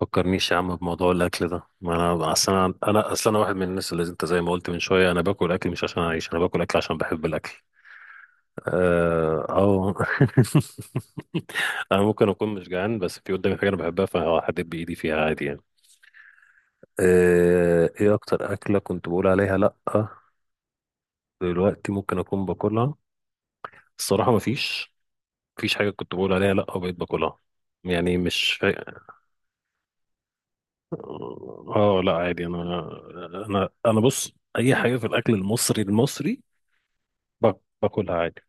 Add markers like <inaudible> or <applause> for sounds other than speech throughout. فكرنيش يا عم بموضوع الاكل ده. ما انا اصل انا واحد من الناس اللي انت زي ما قلت من شويه. انا باكل اكل مش عشان اعيش، انا باكل اكل عشان بحب الاكل. اه أو... <laughs> انا ممكن اكون مش جعان، بس في قدامي حاجه انا بحبها فهحدد بايدي فيها عادي يعني. ايه اكتر اكله كنت بقول عليها لا دلوقتي ممكن اكون باكلها؟ الصراحه ما فيش مفيش مفيش حاجه كنت بقول عليها لا وبقيت باكلها. يعني مش. اه، لا عادي. انا بص، اي حاجه في الاكل المصري المصري باكلها عادي.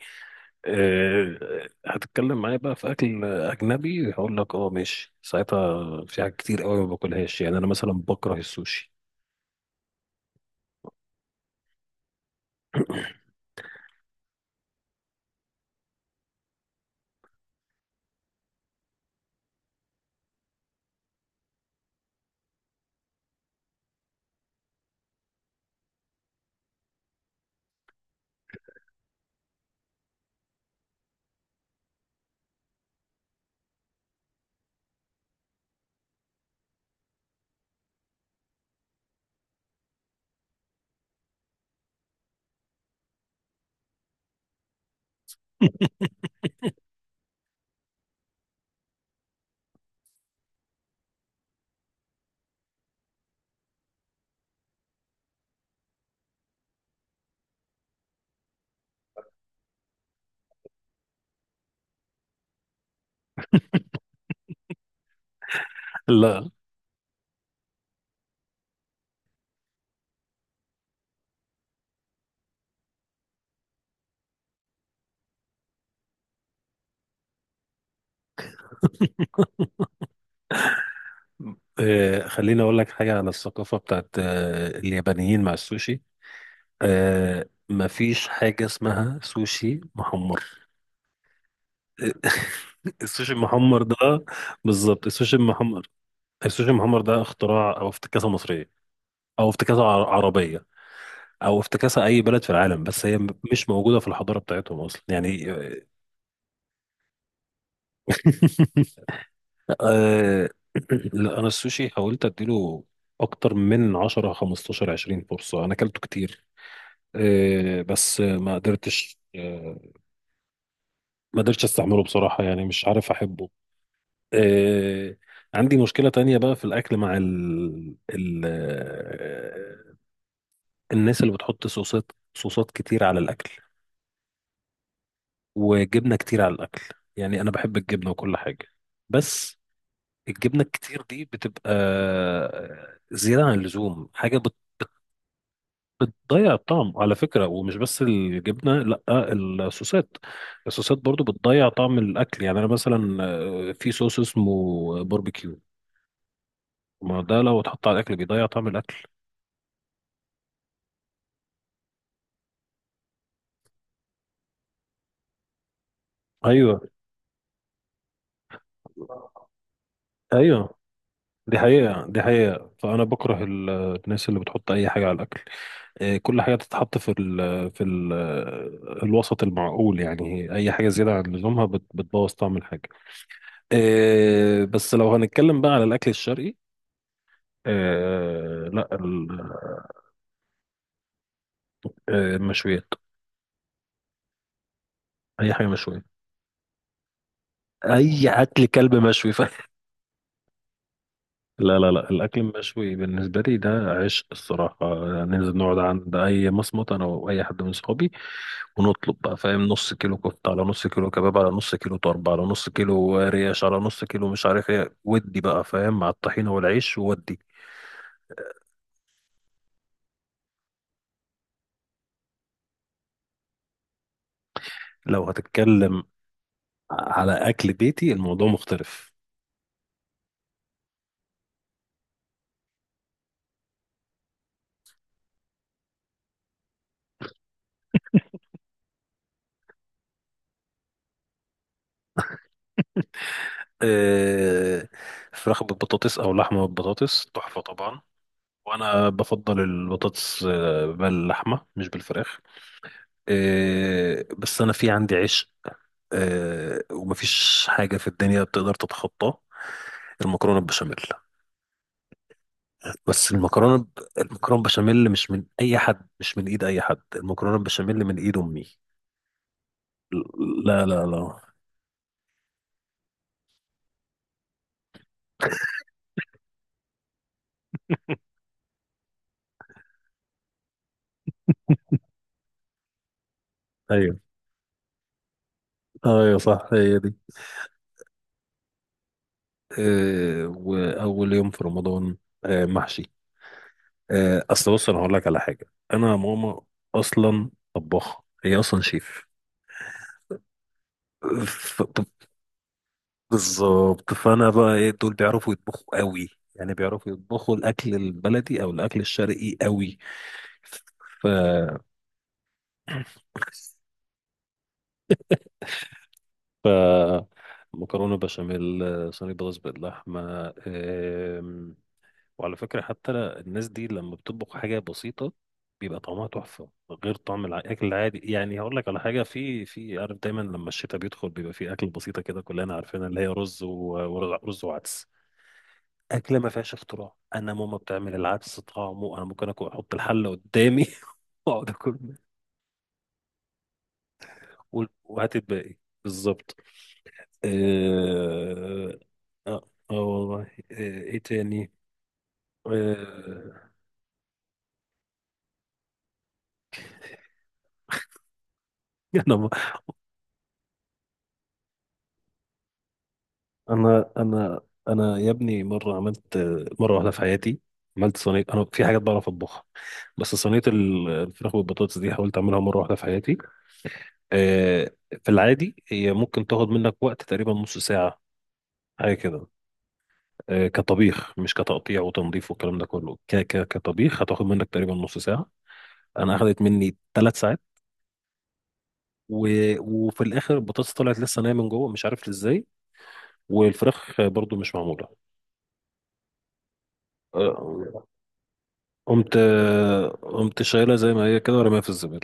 أه، هتتكلم معايا بقى في اكل اجنبي هقول لك اه ماشي. ساعتها في حاجات كتير قوي ما باكلهاش، يعني انا مثلا بكره السوشي. لا، أه خليني اقول لك حاجه على الثقافه بتاعت أه اليابانيين مع السوشي. أه، مفيش حاجه اسمها سوشي محمر. <laughs> السوشي المحمر ده بالظبط، السوشي المحمر. السوشي المحمر ده اختراع او افتكاسه مصريه، او افتكاسه عربيه، او افتكاسه اي بلد في العالم. بس هي مش موجوده في الحضاره بتاعتهم اصلا يعني. <laughs> آه، لا انا السوشي حاولت اديله اكتر من 10 15 20 فرصه، انا اكلته كتير. آه، بس ما قدرتش استعمله بصراحه، يعني مش عارف احبه. آه، عندي مشكله تانية بقى في الاكل مع ال... ال... آه، الناس اللي بتحط صوصات كتير على الاكل، وجبنة كتير على الأكل. يعني أنا بحب الجبنة وكل حاجة، بس الجبنة الكتير دي بتبقى زيادة عن اللزوم. حاجة بتضيع الطعم على فكرة. ومش بس الجبنة، لأ، الصوصات، الصوصات برضو بتضيع طعم الأكل. يعني أنا مثلا آه، في صوص اسمه باربيكيو، ما ده لو اتحط على الأكل بيضيع طعم الأكل. أيوه، أيوه، دي حقيقة، دي حقيقة. فأنا بكره الناس اللي بتحط أي حاجة على الأكل. إيه، كل حاجة تتحط في الوسط المعقول. يعني أي حاجة زيادة عن لزومها بتبوظ طعم الحاجة. إيه، بس لو هنتكلم بقى على الأكل الشرقي، إيه، لا ال- إيه، المشويات. أي حاجة مشوية، أي أكل كلب مشوي. <laughs> لا، لا، لا، الأكل المشوي بالنسبة لي ده عشق الصراحة. ننزل نقعد عند أي مصمت أنا وأي حد من صحابي، ونطلب بقى فاهم نص كيلو كفتة على نص كيلو كباب على نص كيلو طرب على نص كيلو ريش على نص كيلو مش عارف إيه، ودي بقى فاهم مع الطحينة والعيش وودي. لو هتتكلم على أكل بيتي الموضوع مختلف. آه، فراخ بالبطاطس أو لحمة بالبطاطس تحفة طبعا. وأنا بفضل البطاطس آه، باللحمة مش بالفراخ. آه، بس انا في عندي عشق آه، ومفيش حاجه في الدنيا بتقدر تتخطاه. المكرونه البشاميل. بس المكرونه ب... المكرونه البشاميل مش من اي حد، مش من ايد اي حد، المكرونه البشاميل من ايد امي. لا، لا، لا. ايوه، ايوه، صح، هي دي. آه، واول يوم في رمضان آه، محشي. آه، اصل بص انا هقول لك على حاجه. انا ماما اصلا طباخه، هي اصلا شيف. بالظبط. فانا بقى ايه دول بيعرفوا يطبخوا قوي. يعني بيعرفوا يطبخوا الاكل البلدي او الاكل الشرقي قوي. ف ف مكرونه بشاميل آه، صينيه بطاطس باللحمه أم، وعلى فكره حتى الناس دي لما بتطبخ حاجه بسيطه بيبقى طعمها تحفه، غير طعم الاكل العادي. يعني هقول لك على حاجه، في في عارف، دايما لما الشتاء بيدخل بيبقى في اكل بسيطه كده كلنا عارفينها، اللي هي رز و- ورز وعدس. اكله ما فيهاش اختراع. انا ماما بتعمل العدس طعمه انا ممكن اكل احط الحله قدامي <laughs> واقعد اكل منه. وهات الباقي. بالظبط. اه، اه، آه والله. آه، ايه تاني؟ آه، <laughs> انا انا انا انا يا ابني مره عملت، مره واحده في حياتي عملت صينيه. انا في حاجات بعرف اطبخها، بس صينيه الفراخ والبطاطس دي حاولت اعملها مره واحده في حياتي. آه، في العادي هي ممكن تاخد منك وقت تقريبا نص ساعه، حاجه كده. آه، كطبيخ مش كتقطيع وتنظيف والكلام ده كله. ك ك كطبيخ هتاخد منك تقريبا نص ساعة. أنا أخدت مني 3 ساعات. و... وفي الآخر البطاطس طلعت لسه ناية من جوه مش عارف إزاي، والفراخ آه، برضو مش معمولة. آه، قمت آه، قمت شايلها زي ما هي كده ورميها في الزبالة.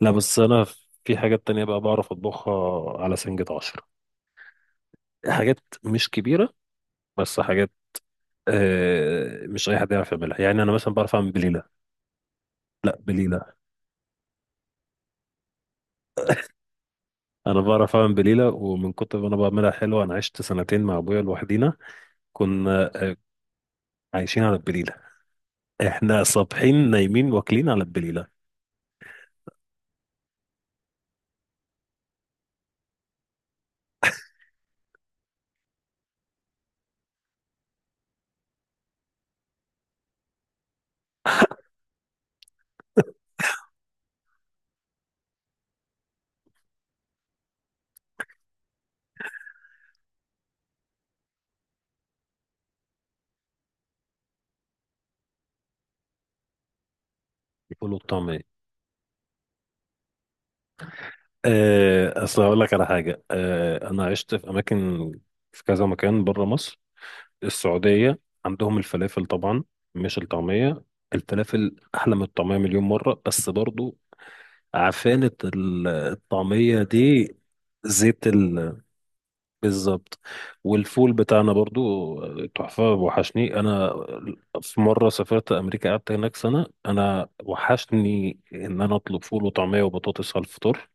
لا، بس أنا في حاجات تانية بقى بعرف أطبخها على سنجة عشرة. حاجات مش كبيرة، بس حاجات آه، مش أي حد يعرف يعملها. يعني أنا مثلا بعرف أعمل بليلة. لا، بليلة. انا بعرف اعمل بليله، ومن كتر ما انا بعملها حلوه انا عشت سنتين مع ابويا لوحدينا. كنا آه، عايشين على البليله. احنا صابحين نايمين واكلين على البليله. الفول والطعميه. آه، اصل هقول لك على حاجه. آه، انا عشت في اماكن، في كذا مكان بره مصر. السعوديه عندهم الفلافل طبعا، مش الطعميه. الفلافل احلى من الطعميه مليون مره. بس برضو عفانه الطعميه دي زيت. بالظبط. والفول بتاعنا برضو آه، تحفة. وحشني أنا. في مرة سافرت أمريكا قعدت هناك سنة. أنا وحشني إن أنا أطلب فول وطعمية وبطاطس على الفطار.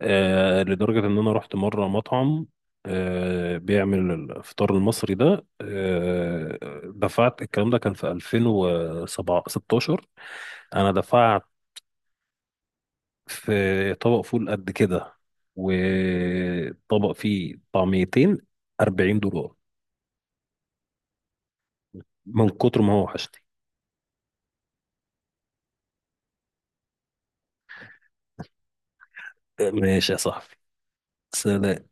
آه، لدرجة إن أنا رحت مرة مطعم آه بيعمل الفطار المصري ده. آه، دفعت، الكلام ده كان في 2016. أنا دفعت في طبق فول قد كده وطبق فيه طعميتين $40. من كتر ما هو وحشتي. ماشي يا صاحبي. سلام.